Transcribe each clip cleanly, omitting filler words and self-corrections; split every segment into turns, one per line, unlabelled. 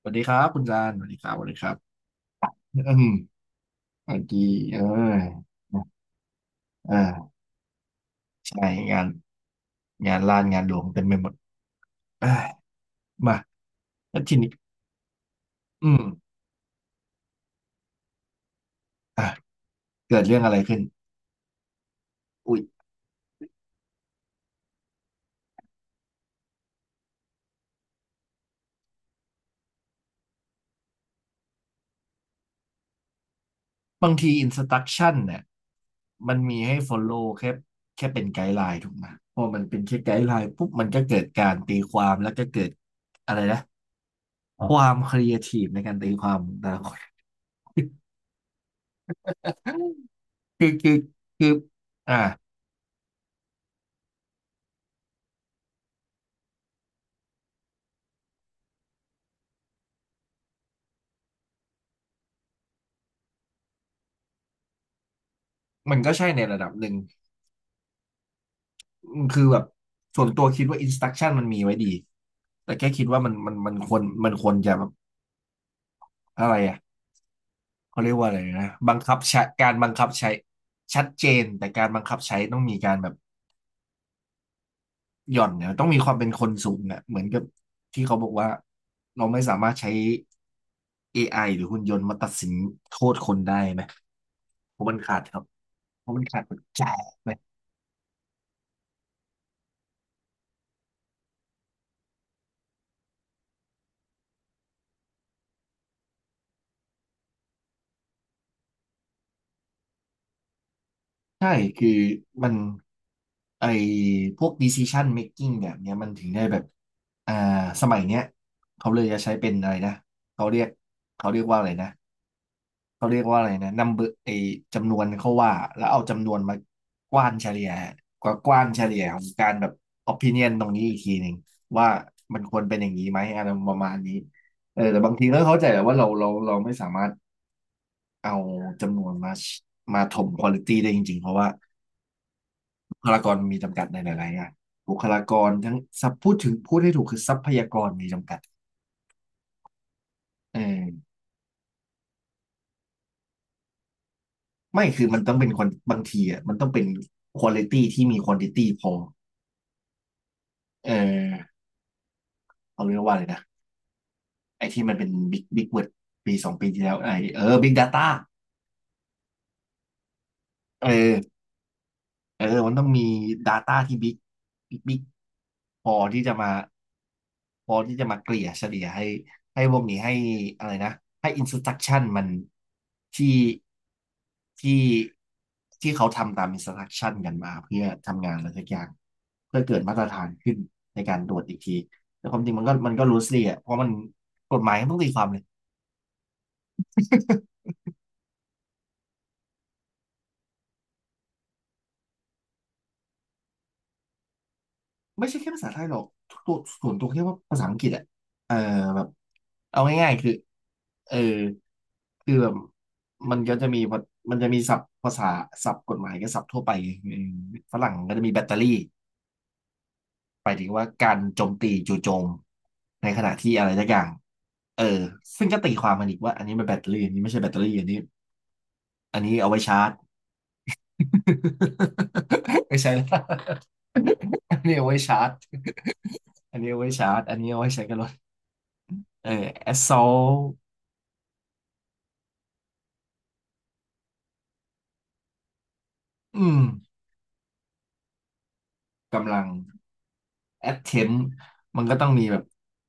สวัสดีครับคุณจานสวัสดีครับสวัสดีครับอืมเมื่อกี้เออใช่งานลานงานหลวงเต็มไปหมดเอ้ยมาแล้วทีนี้อืมอ่ะเกิดเรื่องอะไรขึ้นอุ้ยบางทีอินสตั c ชั่นเนี่ยมันมีให้ follow แค่แค่เป็นไกด์ไลน์ถูกไหมพอมันเป็นแค่ไกด์ไลน์ปุ๊บมันก็เกิดการตีความแล้วก็เกิดอะไรนะความครีเอทีฟในการตีความของแต่ละคนคือคืออ่ะมันก็ใช่ในระดับหนึ่ง คือแบบส่วนตัวคิดว่าอินสต u c t ชั่นมันมีไว้ดีแต่แค่คิดว่ามันควรควรจะแบบอะไรอ่ะเขาเรียกว่าอะไรนะบังคับใช้การบังคับใช้ชัดเจนแต่การบังคับใช้ต้องมีการแบบหย่อนเนี่ยต้องมีความเป็นคนสูงเนี่ยเหมือนกับที่เขาบอกว่าเราไม่สามารถใช้ AI หรือหุ่นยนต์มาตัดสินโทษคนได้ไหมเพราะมันขาดครับเพราะมันขาดปัจจัยไหม ใช่คือมันไอพวก decision making แบบเนี้ยมันถึงได้แบบอ่าสมัยเนี้ยเขาเลยจะใช้เป็นอะไรนะเขาเรียกเขาเรียกว่าอะไรนะเขาเรียกว่าอะไรนะ number ไอจำนวนเขาว่าแล้วเอาจำนวนมากว้านเฉลี่ยกว้านเฉลี่ยของการแบบ opinion ตรงนี้อีกทีหนึ่งว่ามันควรเป็นอย่างนี้ไหมอะไรประมาณนี้เออแต่บางทีก็เข้าใจแหละว่าเราไม่สามารถเอาจำนวนมาถมควอลิตีได้จริงๆเพราะว่า บุคลากรมีจำกัดในหลายๆงานบุคลากรทั้งสับพูดถึงพูดให้ถูกคือทรัพยากรมีจำกัดเออไม่คือมันต้องเป็นคนบางทีอ่ะมันต้องเป็นควอลิตี้ที่มีควอนติตี้พอเออเอาเรียกว่าเลยนะไอ้ที่มันเป็นบิ๊กเวิร์ดปีสองปีที่แล้วไอ้บิ๊กดาต้าเออ เออมันต้องมี Data ที่บิ๊กบิ๊กพอที่จะมาพอที่จะมาเกลี่ยเฉลี่ยให้ให้พวกนี้ให้อะไรนะให้ instruction มันที่ที่ที่เขาทำตาม instruction กันมาเพื่อทำงานอะไรสักอย่างเพื่อเกิดมาตรฐานขึ้นในการตรวจอีกทีแต่ความจริงมันก็รู้สิอ่ะเพราะมันกฎหมายมันต้องตีความเลย ไม่ใช่แค่ภาษาไทยหรอกตัวส่วนตัวแค่ว่าภาษาอังกฤษอะเออแบบเอาง่ายๆคือเออคือแบบมันก็จะมีวัดมันจะมีศัพท์ภาษาศัพท์กฎหมายกับศัพท์ทั่วไปเออฝรั่งก็จะมีแบตเตอรี่ไปถึงว่าการโจมตีจู่โจมในขณะที่อะไรสักอย่างเออซึ่งก็ตีความมันอีกว่าอันนี้มันแบตเตอรี่อันนี้ไม่ใช่แบตเตอรี่อันนี้เอาไว้ชาร์จ ไม่ใช่ละอันนี้เอาไว้ชาร์จอันนี้เอาไว้ชาร์จอันนี้เอาไว้ใช้กับรถเออ assault อืมกำลัง attempt มันก็ต้องมีแบบ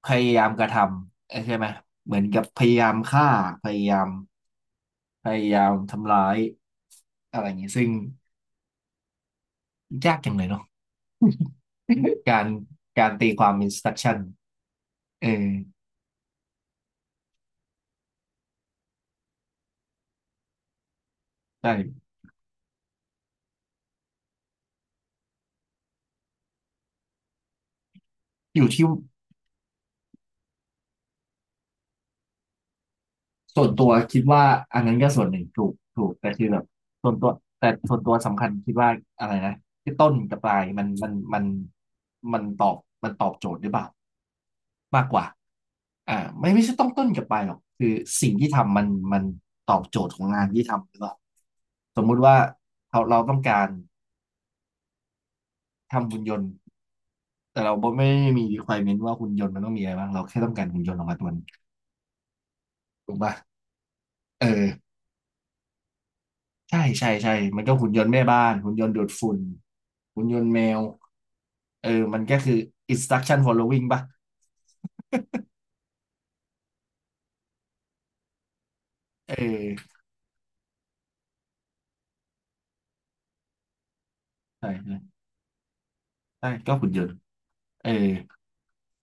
พยายามกระทำเออใช่ไหมเหมือนกับพยายามฆ่าพยายามพยายามทำร้ายอะไรอย่างนี้ซึ่งยากจังเลยเนาะ การการตีความ instruction เออใช่อยู่ที่ ส่วนตัวคิดว่าอันนั้นก็ส่วนหนึ่งถูกแต่คือแบบส่วนตัวส่วนตัวสำคัญคิดว่าอะไรนะที่ต้นกับปลายมันมันตอบมันตอบโจทย์หรือเปล่ามากกว่าอ่าไม่ใช่ต้องต้นกับปลายหรอกคือสิ่งที่ทำมันมันตอบโจทย์ของงานที่ทำหรือเปล่าสมมุติว่าเราต้องการทำหุ่นยนต์แต่เราไม่ได้มี requirement ว่าหุ่นยนต์มันต้องมีอะไรบ้างเราแค่ต้องการหุ่นยนต์ออกมาตัวหนึงถูกป่ะเออ ใช่ใช่ใช่มันก็หุ่นยนต์แม่บ้านหุ่นยนต์ดูดฝุ่นหุ่นยนต์แมวเออมันก็คือ instruction following ป่ะเออใช่ใช่ใช่ก็หุ่นยนต์เออ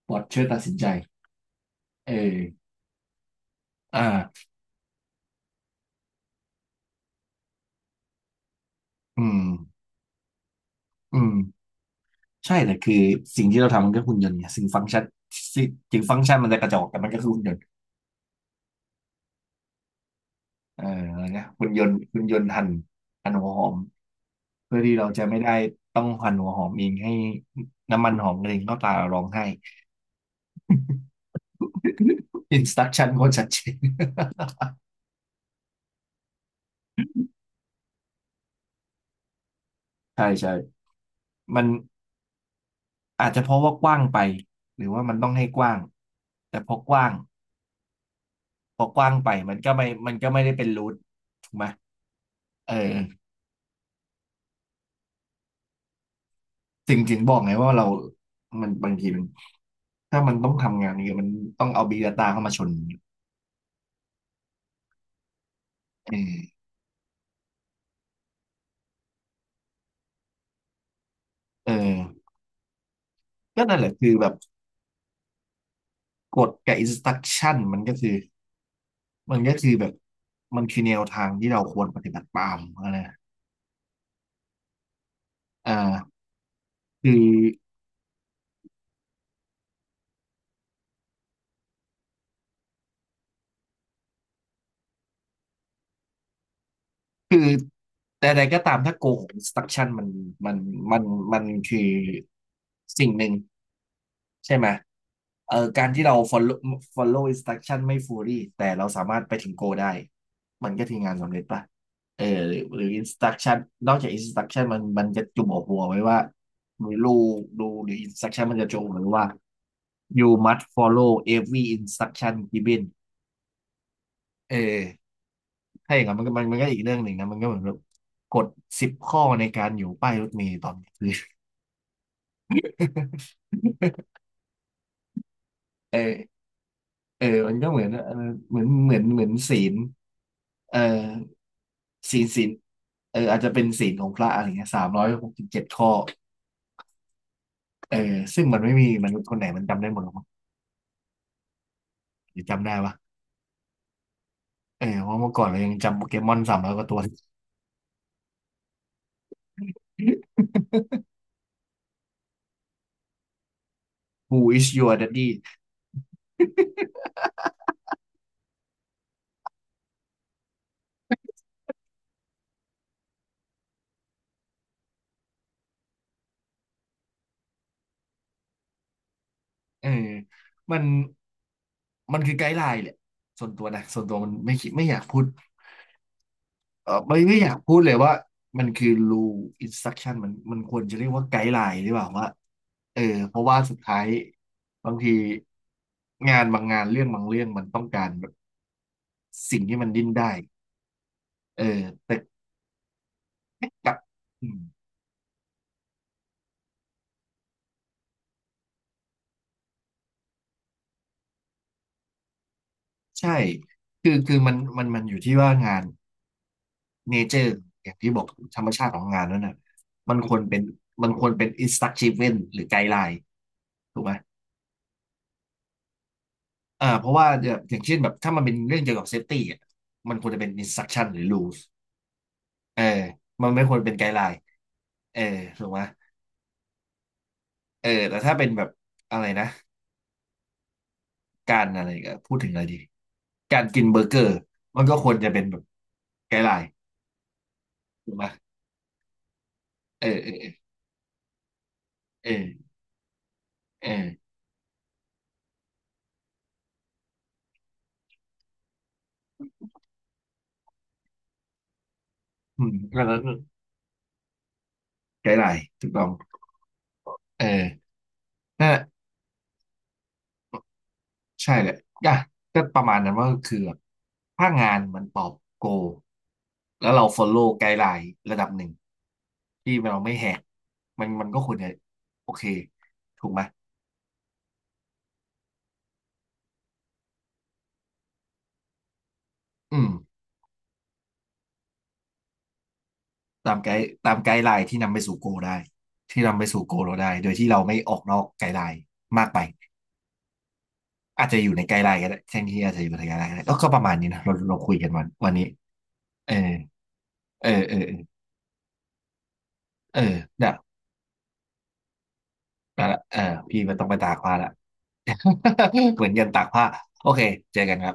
ปอทช่วยตัดสินใจเอออ่าอืมอืมใช่แต่คือสิ่งที่เราทำมันก็หุ่นยนต์ไงสิ่งฟังก์ชันสิ่งถึงฟังก์ชันมันจะกระจอกแต่มันก็คือหุ่นยนต์เอออะไรนะหุ่นยนต์หั่นหัวหอมเพื่อที่เราจะไม่ได้ต้องหั่นหัวหอมเองให้น้ำมันหอมเด็นเข้าตาเราร้องไห้ อินสต u ักชั่นโคตรชัดเจน ใช่ใช่มันอาจจะเพราะว่ากว้างไปหรือว่ามันต้องให้กว้างแต่พอกว้างไปมันก็ไม่ได้เป็นรูทถูกไหมเออถึงบอกไงว่าเรามันบางทีมันถ้ามันต้องทำงานนี้มันต้องเอา Big Data เข้ามาชนเออเออก็นั่นแหละคือแบบกฎกับ instruction มันก็คือแบบมันคือแนวทางที่เราควรปฏิบัติตามนะเออคือคือ แต่ใดก็ตามถ้าโกง s t r u c t i o n มันมันมันคือสิ่งหนึ่งใช่ไหมการที่เรา follow instruction ไม่ fully แต่เราสามารถไปถึงโกได้ มันก็ถืองานสำเร็จป่ะอหรือ instruction นอกจาก instruction มันจะจุ่มหัวไว้ว่ารูหรือ instruction มันจะจุ่มหรือวว่า you must follow every instruction given เออ ถ้าอย่างนั้นมันก็อีกเรื่องหนึ่งนะมันก็เหมือนแบบกฎ10 ข้อในการอยู่ป้ายรถเมล์ตอนกลางคืน เออมันก็เหมือนเหมือนศีลเออศีลศีลอาจจะเป็นศีลของพระอะไรเงี้ย367 ข้อเออซึ่งมันไม่มีมนุษย์คนไหนมันจำได้หมดหรอกมั้งหรือจำได้ปะเพราะเมื่อก่อนเรายังจำโปเกมอน300 กว่าตัว Who is your daddy เออมันมันคือไกด์ไลน์แหละส่วนตัวนะส่วนตัวมันไม่คิดไม่อยากพูด ไม่อยากพูดเลยว่ามันคือ rule instruction มันควรจะเรียกว่าไกด์ไลน์หรือเปล่าว่าเออเพราะว่าสุดท้ายบางทีงานบางงานเรื่องบางเรื่องมันต้องการแบบสิ่งที่มันดิ้นได้เออแต่กลับอืมใช่คือมันอยู่ที่ว่างานเนเจอร์อย่างที่บอกธรรมชาติของงานนั้นน่ะมันควรเป็นมันควรเป็น instruction หรือไกด์ไลน์ถูกไหม อ่าเพราะว่าแบบอย่างเช่นแบบถ้ามันเป็นเรื่องเกี่ยวกับเซฟตี้อ่ะมันควรจะเป็น instruction หรือ rules เออมันไม่ควรเป็นไกด์ไลน์เออถูกไหมแต่ถ้าเป็นแบบอะไรนะการอะไรก็พูดถึงอะไรดีการกินเบอร์เกอร์มันก็ควรจะเป็นแบบไกด์ไลน์ถูกไหมเออเออเออเออเอออืมแล้วก็ไกด์ไลน์ถูกต้องเออนั่น ใช่เลยอ่ะก็ประมาณนั้นว่าคือแบบถ้างานมันตอบโกลแล้วเรา follow ไกด์ไลน์ระดับหนึ่งที่เราไม่แหกมันก็ควรจะโอเคถูกไหมอืมตามไกด์ไลน์ที่นำไปสู่โกลได้ที่นำไปสู่โกลเราได้โดยที่เราไม่ออกนอกไกด์ไลน์มากไปอาจจะอยู่ในไกด์ไลน์ก็ได้แทนที่อาจจะอยู่ในไกด์ไลน์ก็ได้ก็ก็ประมาณนี้นะเราคุยกันวันวันนี้เออเออเออเออเออเดี๋ยวไปละพี่มันต้องไปตากผ้าละ เหมือนยันตากผ้าโอเคเจอกันครับ